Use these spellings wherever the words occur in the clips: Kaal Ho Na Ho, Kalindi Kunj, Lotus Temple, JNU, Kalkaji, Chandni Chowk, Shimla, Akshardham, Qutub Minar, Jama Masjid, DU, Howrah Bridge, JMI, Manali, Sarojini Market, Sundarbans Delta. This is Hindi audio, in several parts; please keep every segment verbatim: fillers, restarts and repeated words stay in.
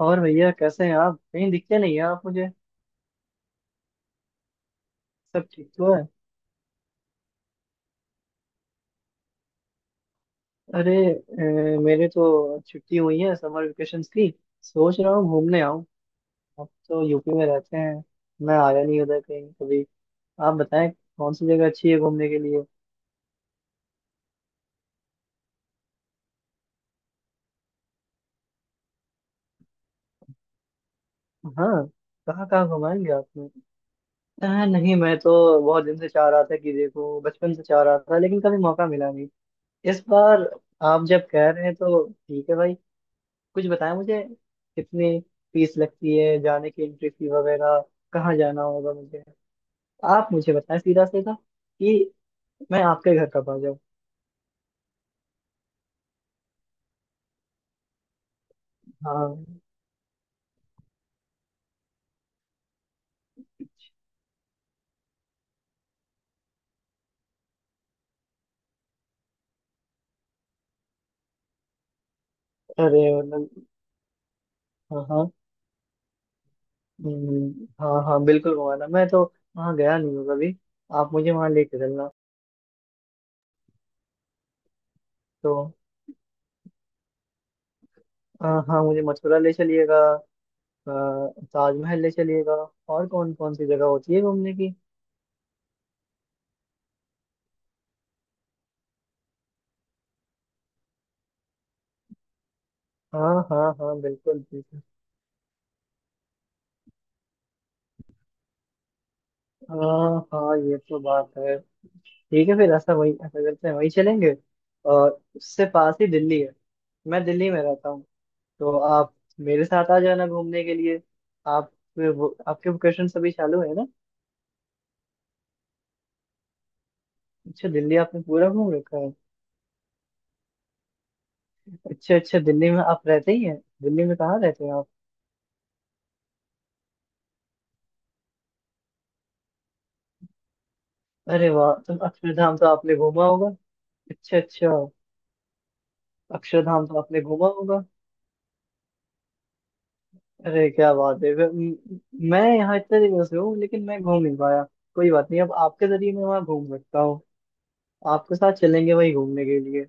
और भैया कैसे हैं आप? कहीं दिखते नहीं हैं आप मुझे। सब ठीक तो है? अरे अ, मेरे तो छुट्टी हुई है समर वेकेशन की। सोच रहा हूँ घूमने आऊँ। आप तो यू पी में रहते हैं। मैं आया नहीं उधर कहीं कभी। आप बताएं कौन सी जगह अच्छी है घूमने के लिए। हाँ। कहाँ कहाँ घुमाएंगे आपने? अ, नहीं, मैं तो बहुत दिन से चाह रहा था, कि देखो बचपन से चाह रहा था, लेकिन कभी मौका मिला नहीं। इस बार आप जब कह रहे हैं तो ठीक है भाई। कुछ बताएं मुझे। कितनी फीस लगती है जाने की, एंट्री फी वगैरह? कहाँ जाना होगा मुझे? आप मुझे बताएं सीधा सीधा, कि मैं आपके घर कब आ जाऊँ। हाँ। अरे मतलब, हाँ हाँ। हम्म, हाँ हाँ, बिल्कुल घुमाना, मैं तो वहाँ गया नहीं हूँ कभी। आप मुझे वहाँ लेके चलना। तो, हाँ हाँ, मुझे मथुरा ले चलिएगा, अ, ताजमहल ले चलिएगा। और कौन कौन सी जगह होती है घूमने की? हाँ हाँ हाँ बिल्कुल बिल्कुल। हाँ हाँ, ये तो बात है। ठीक है फिर, ऐसा वही, ऐसा करते हैं, वही चलेंगे। और उससे पास ही दिल्ली है। मैं दिल्ली में रहता हूँ, तो आप मेरे साथ आ जाना घूमने के लिए। आप वो, आपके वोकेशन सभी चालू है ना? अच्छा, दिल्ली आपने पूरा घूम रखा है। अच्छा अच्छा, दिल्ली में आप रहते ही हैं। दिल्ली में कहाँ रहते हैं आप? अरे वाह, तो अक्षरधाम तो आपने घूमा होगा। अच्छा अच्छा। अक्षरधाम तो आपने घूमा होगा। अरे क्या बात है! वे- म- मैं यहाँ इतने दिनों से हूँ, लेकिन मैं घूम नहीं पाया। कोई बात नहीं, अब आपके जरिए मैं वहाँ घूम सकता हूँ। आपके साथ चलेंगे वही घूमने के लिए।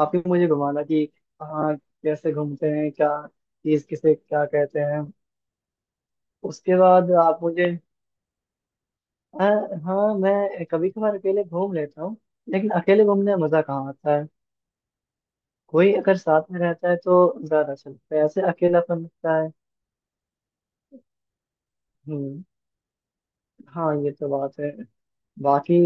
आप ही मुझे घुमाना, कि हाँ, कैसे घूमते हैं, क्या चीज, किसे क्या कहते हैं। उसके बाद आप मुझे। हाँ। हाँ मैं कभी कभार अकेले घूम लेता हूँ। लेकिन अकेले घूमने में मजा कहाँ आता है। कोई अगर साथ में रहता है तो ज्यादा अच्छा लगता है, ऐसे अकेलापन लगता है। हम्म। हाँ, ये तो बात है। बाकी,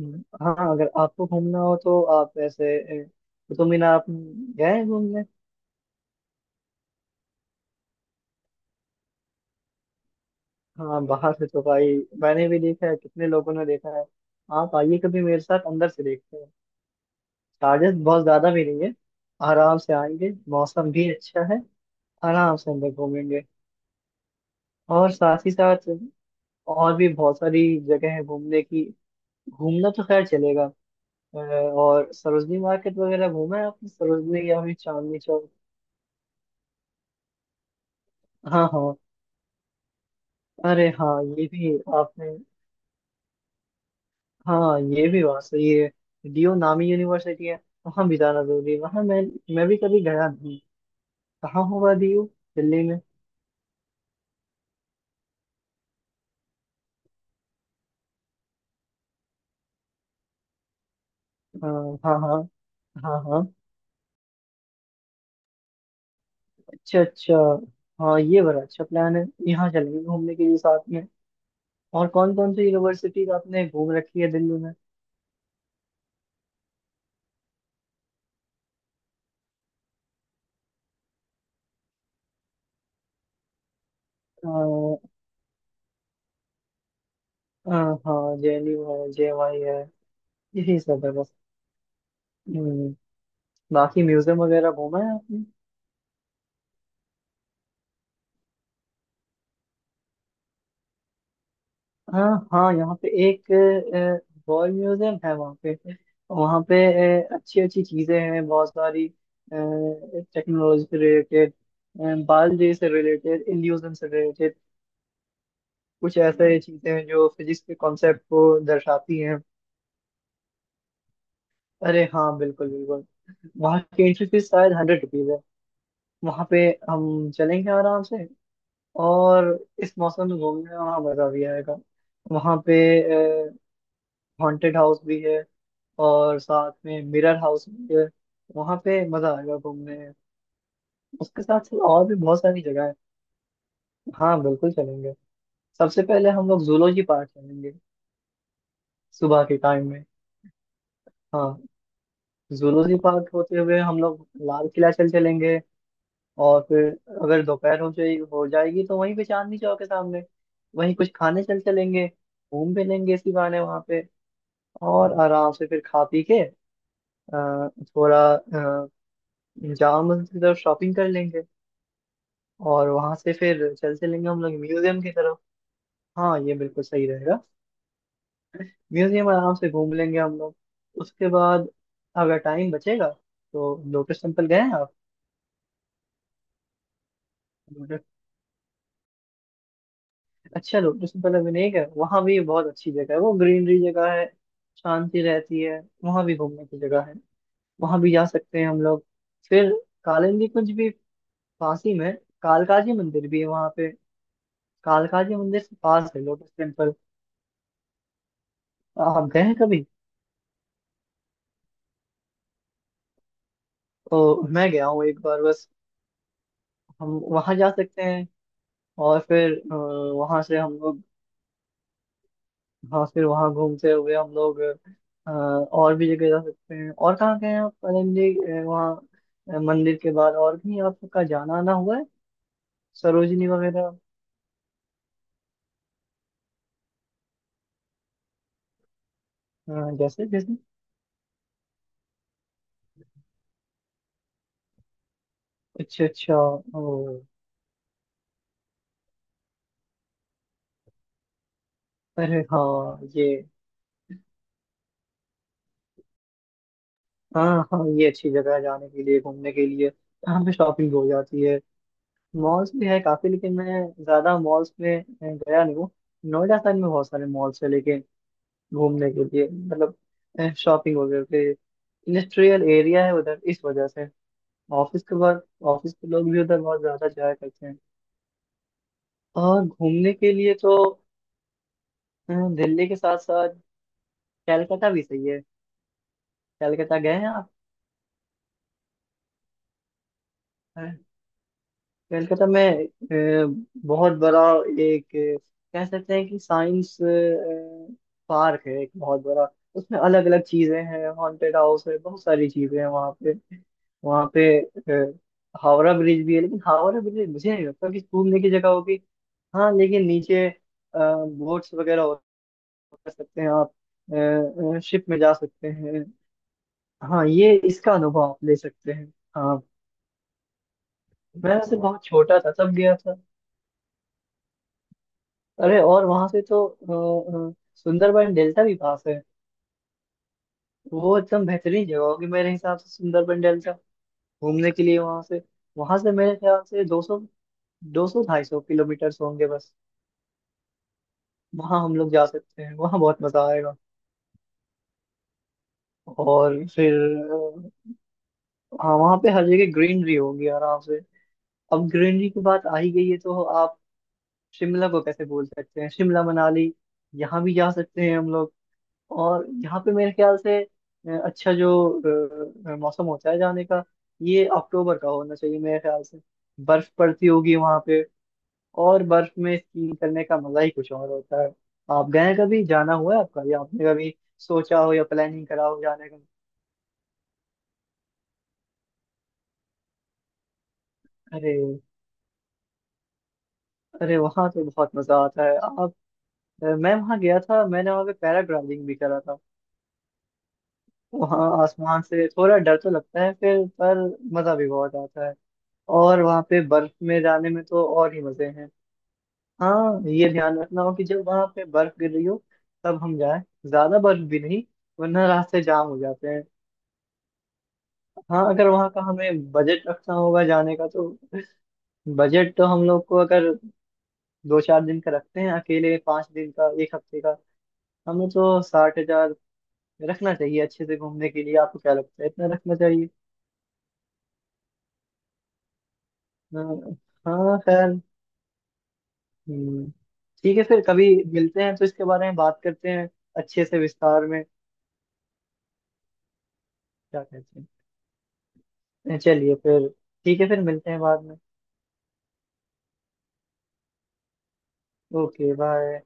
हम्म, हाँ, अगर आपको घूमना हो तो आप ऐसे ए, कुतुब मीनार आप गए हैं घूमने? हाँ बाहर से तो भाई मैंने भी देखा है, कितने लोगों ने देखा है। आप आइए कभी मेरे साथ, अंदर से देखते हैं। चार्जेस बहुत ज्यादा भी नहीं है। आराम से आएंगे, मौसम भी अच्छा है। आराम से अंदर घूमेंगे। और साथ ही साथ और भी बहुत सारी जगह है घूमने की। घूमना तो खैर चलेगा। अ, और सरोजनी मार्केट वगैरह घूमा है आपने, सरोजनी या फिर चांदनी चौक? हाँ हाँ। अरे हाँ, ये भी आपने। हाँ, ये भी बात सही है। डीयू नामी यूनिवर्सिटी है। वहाँ भी जाना जरूरी है, वहाँ मैं मैं भी कभी गया नहीं। कहाँ होगा डी यू, दिल्ली में? हाँ हाँ हाँ हाँ हाँ। अच्छा अच्छा। हाँ, ये बड़ा अच्छा प्लान है, यहाँ चलेंगे घूमने के लिए साथ में। और कौन कौन सी यूनिवर्सिटीज आपने घूम रखी है दिल्ली में? आ, आ, हाँ, जे एन यू है, जे एम आई है। यही सब है बस। हम्म, बाकी म्यूजियम वगैरह घूमा है आपने? हाँ हाँ, यहाँ पे एक वॉर म्यूजियम है वहाँ पे। वहाँ पे अच्छी अच्छी चीजें हैं बहुत सारी। टेक्नोलॉजी से रिलेटेड, बायोलॉजी से रिलेटेड, इल्यूजन से रिलेटेड। कुछ ऐसे चीजें हैं जो फिजिक्स के कॉन्सेप्ट को दर्शाती हैं। अरे हाँ बिल्कुल बिल्कुल। वहाँ की एंट्री फीस शायद हंड्रेड रुपीज है वहाँ पे। हम चलेंगे आराम से। और इस मौसम में घूमने में वहाँ मजा भी आएगा। वहाँ पे हॉन्टेड हाउस भी है, और साथ में मिरर हाउस भी है। वहां पे मजा आएगा घूमने में। उसके साथ साथ और भी बहुत सारी जगह है। हाँ बिल्कुल चलेंगे। सबसे पहले हम लोग जूलॉजी पार्क चलेंगे, सुबह के टाइम में। हाँ। जूलॉजी पार्क होते हुए हम लोग लाल किला चल चलेंगे। और फिर अगर दोपहर हो जाए, हो जाएगी, तो वहीं पे चांदनी चौक के सामने वहीं कुछ खाने चल चलेंगे। घूम भी लेंगे इसी बहाने वहां पे। और आराम से फिर खा पी के अ, थोड़ा अ, जामा मस्जिद और शॉपिंग कर लेंगे। और वहां से फिर चल चलेंगे हम लोग म्यूजियम की तरफ। हाँ, ये बिल्कुल सही रहेगा। म्यूजियम आराम से घूम लेंगे हम लोग। उसके बाद अगर टाइम बचेगा, तो लोटस टेम्पल गए हैं आप? लोटस, अच्छा लोटस टेम्पल अभी नहीं गए, वहाँ भी बहुत अच्छी जगह है, वो ग्रीनरी जगह है। शांति रहती है, वहाँ भी घूमने की जगह है। वहाँ भी जा सकते हैं हम लोग। फिर कालिंदी कुंज भी पास ही में। कालकाजी मंदिर भी है वहाँ पे। कालकाजी मंदिर से पास है लोटस टेम्पल। आप गए हैं कभी? तो मैं गया हूँ एक बार बस। हम वहां जा सकते हैं, और फिर वहां से हम लोग, हाँ फिर वहां घूमते हुए हम लोग अ, और भी जगह जा सकते हैं। और कहाँ गए हैं आप आनंद जी? अ, वहाँ अ, मंदिर के बाद, और भी आपका जाना आना हुआ है सरोजनी वगैरह? अ, जैसे जैसे। अच्छा अच्छा। ओ। अरे हाँ ये। हाँ हाँ, ये अच्छी जगह है जाने के लिए, घूमने के लिए, यहाँ पे शॉपिंग हो जाती है। मॉल्स भी है काफी, लेकिन मैं ज्यादा मॉल्स में अ, गया नहीं हूँ। नोएडा साइड में बहुत सारे मॉल्स है घूमने के लिए, मतलब शॉपिंग वगैरह पे, इंडस्ट्रियल एरिया है उधर इस वजह से। ऑफिस के बाद ऑफिस के लोग भी उधर बहुत ज्यादा जाया करते हैं। और घूमने के लिए तो, अ, दिल्ली के साथ साथ कैलकाटा भी सही है। कैलकाटा गए हैं आप? कलकत्ता में अ, बहुत बड़ा एक, अ, कह सकते हैं कि, साइंस पार्क है एक बहुत बड़ा। उसमें अलग अलग चीजें हैं, हॉन्टेड हाउस है, बहुत सारी चीजें हैं वहाँ पे। वहाँ पे अ, हावड़ा ब्रिज भी है, लेकिन हावड़ा ब्रिज मुझे नहीं लगता कि घूमने की जगह होगी। हाँ, लेकिन नीचे बोट्स वगैरह हो, कर सकते हैं, आप शिप में जा सकते हैं। हाँ, ये इसका अनुभव आप ले सकते हैं। हाँ। मैं वैसे बहुत छोटा था तब गया था। अरे और वहां से तो अ, अ, सुंदरबन डेल्टा भी पास है। वो एकदम बेहतरीन जगह होगी मेरे हिसाब से, सुंदरबन डेल्टा घूमने के लिए, वहां से। वहां से मेरे ख्याल से दो सौ, दो सौ ढाई सौ किलोमीटर होंगे बस। वहां हम लोग जा सकते हैं, वहां बहुत मजा आएगा। और फिर अ, हाँ, वहां पे हर जगह ग्रीनरी होगी आराम से। अब ग्रीनरी की बात आ ही गई है, तो आप शिमला को कैसे बोल सकते हैं, शिमला मनाली, यहाँ भी जा सकते हैं हम लोग। और यहाँ पे मेरे ख्याल से अ, अच्छा जो अ, मौसम होता है जाने का, ये अक्टूबर का होना चाहिए मेरे ख्याल से। बर्फ पड़ती होगी वहां पे। और बर्फ में स्कीइंग करने का मजा ही कुछ और होता है। आप गए कभी, जाना हुआ है आपका, या आपने कभी सोचा हो, या प्लानिंग करा हो जाने का? अरे, अरे वहां तो बहुत मजा आता है आप। अ, मैं वहां गया था, मैंने वहां पे पैराग्लाइडिंग भी करा था। वहां आसमान से थोड़ा डर तो लगता है फिर, पर मजा भी बहुत आता है। और वहां पे बर्फ में जाने में तो और ही मजे हैं। हाँ, ये ध्यान रखना हो कि जब वहां पे बर्फ गिर रही हो तब हम जाएं। ज्यादा बर्फ भी नहीं, वरना रास्ते जाम हो जाते हैं। हाँ, अगर वहां का हमें बजट रखना होगा जाने का, तो बजट तो हम लोग को, अगर दो चार दिन का रखते हैं, अकेले पांच दिन का, एक हफ्ते का, हमें तो साठ हजार रखना चाहिए अच्छे से घूमने के लिए। आपको क्या लगता है, इतना रखना चाहिए? हाँ। हाँ, खैर। हम्म। ठीक है, फिर कभी मिलते हैं तो इसके बारे में बात करते हैं अच्छे से, विस्तार में। क्या कहते हैं, चलिए फिर। ठीक है, फिर मिलते हैं बाद में। Okay bye.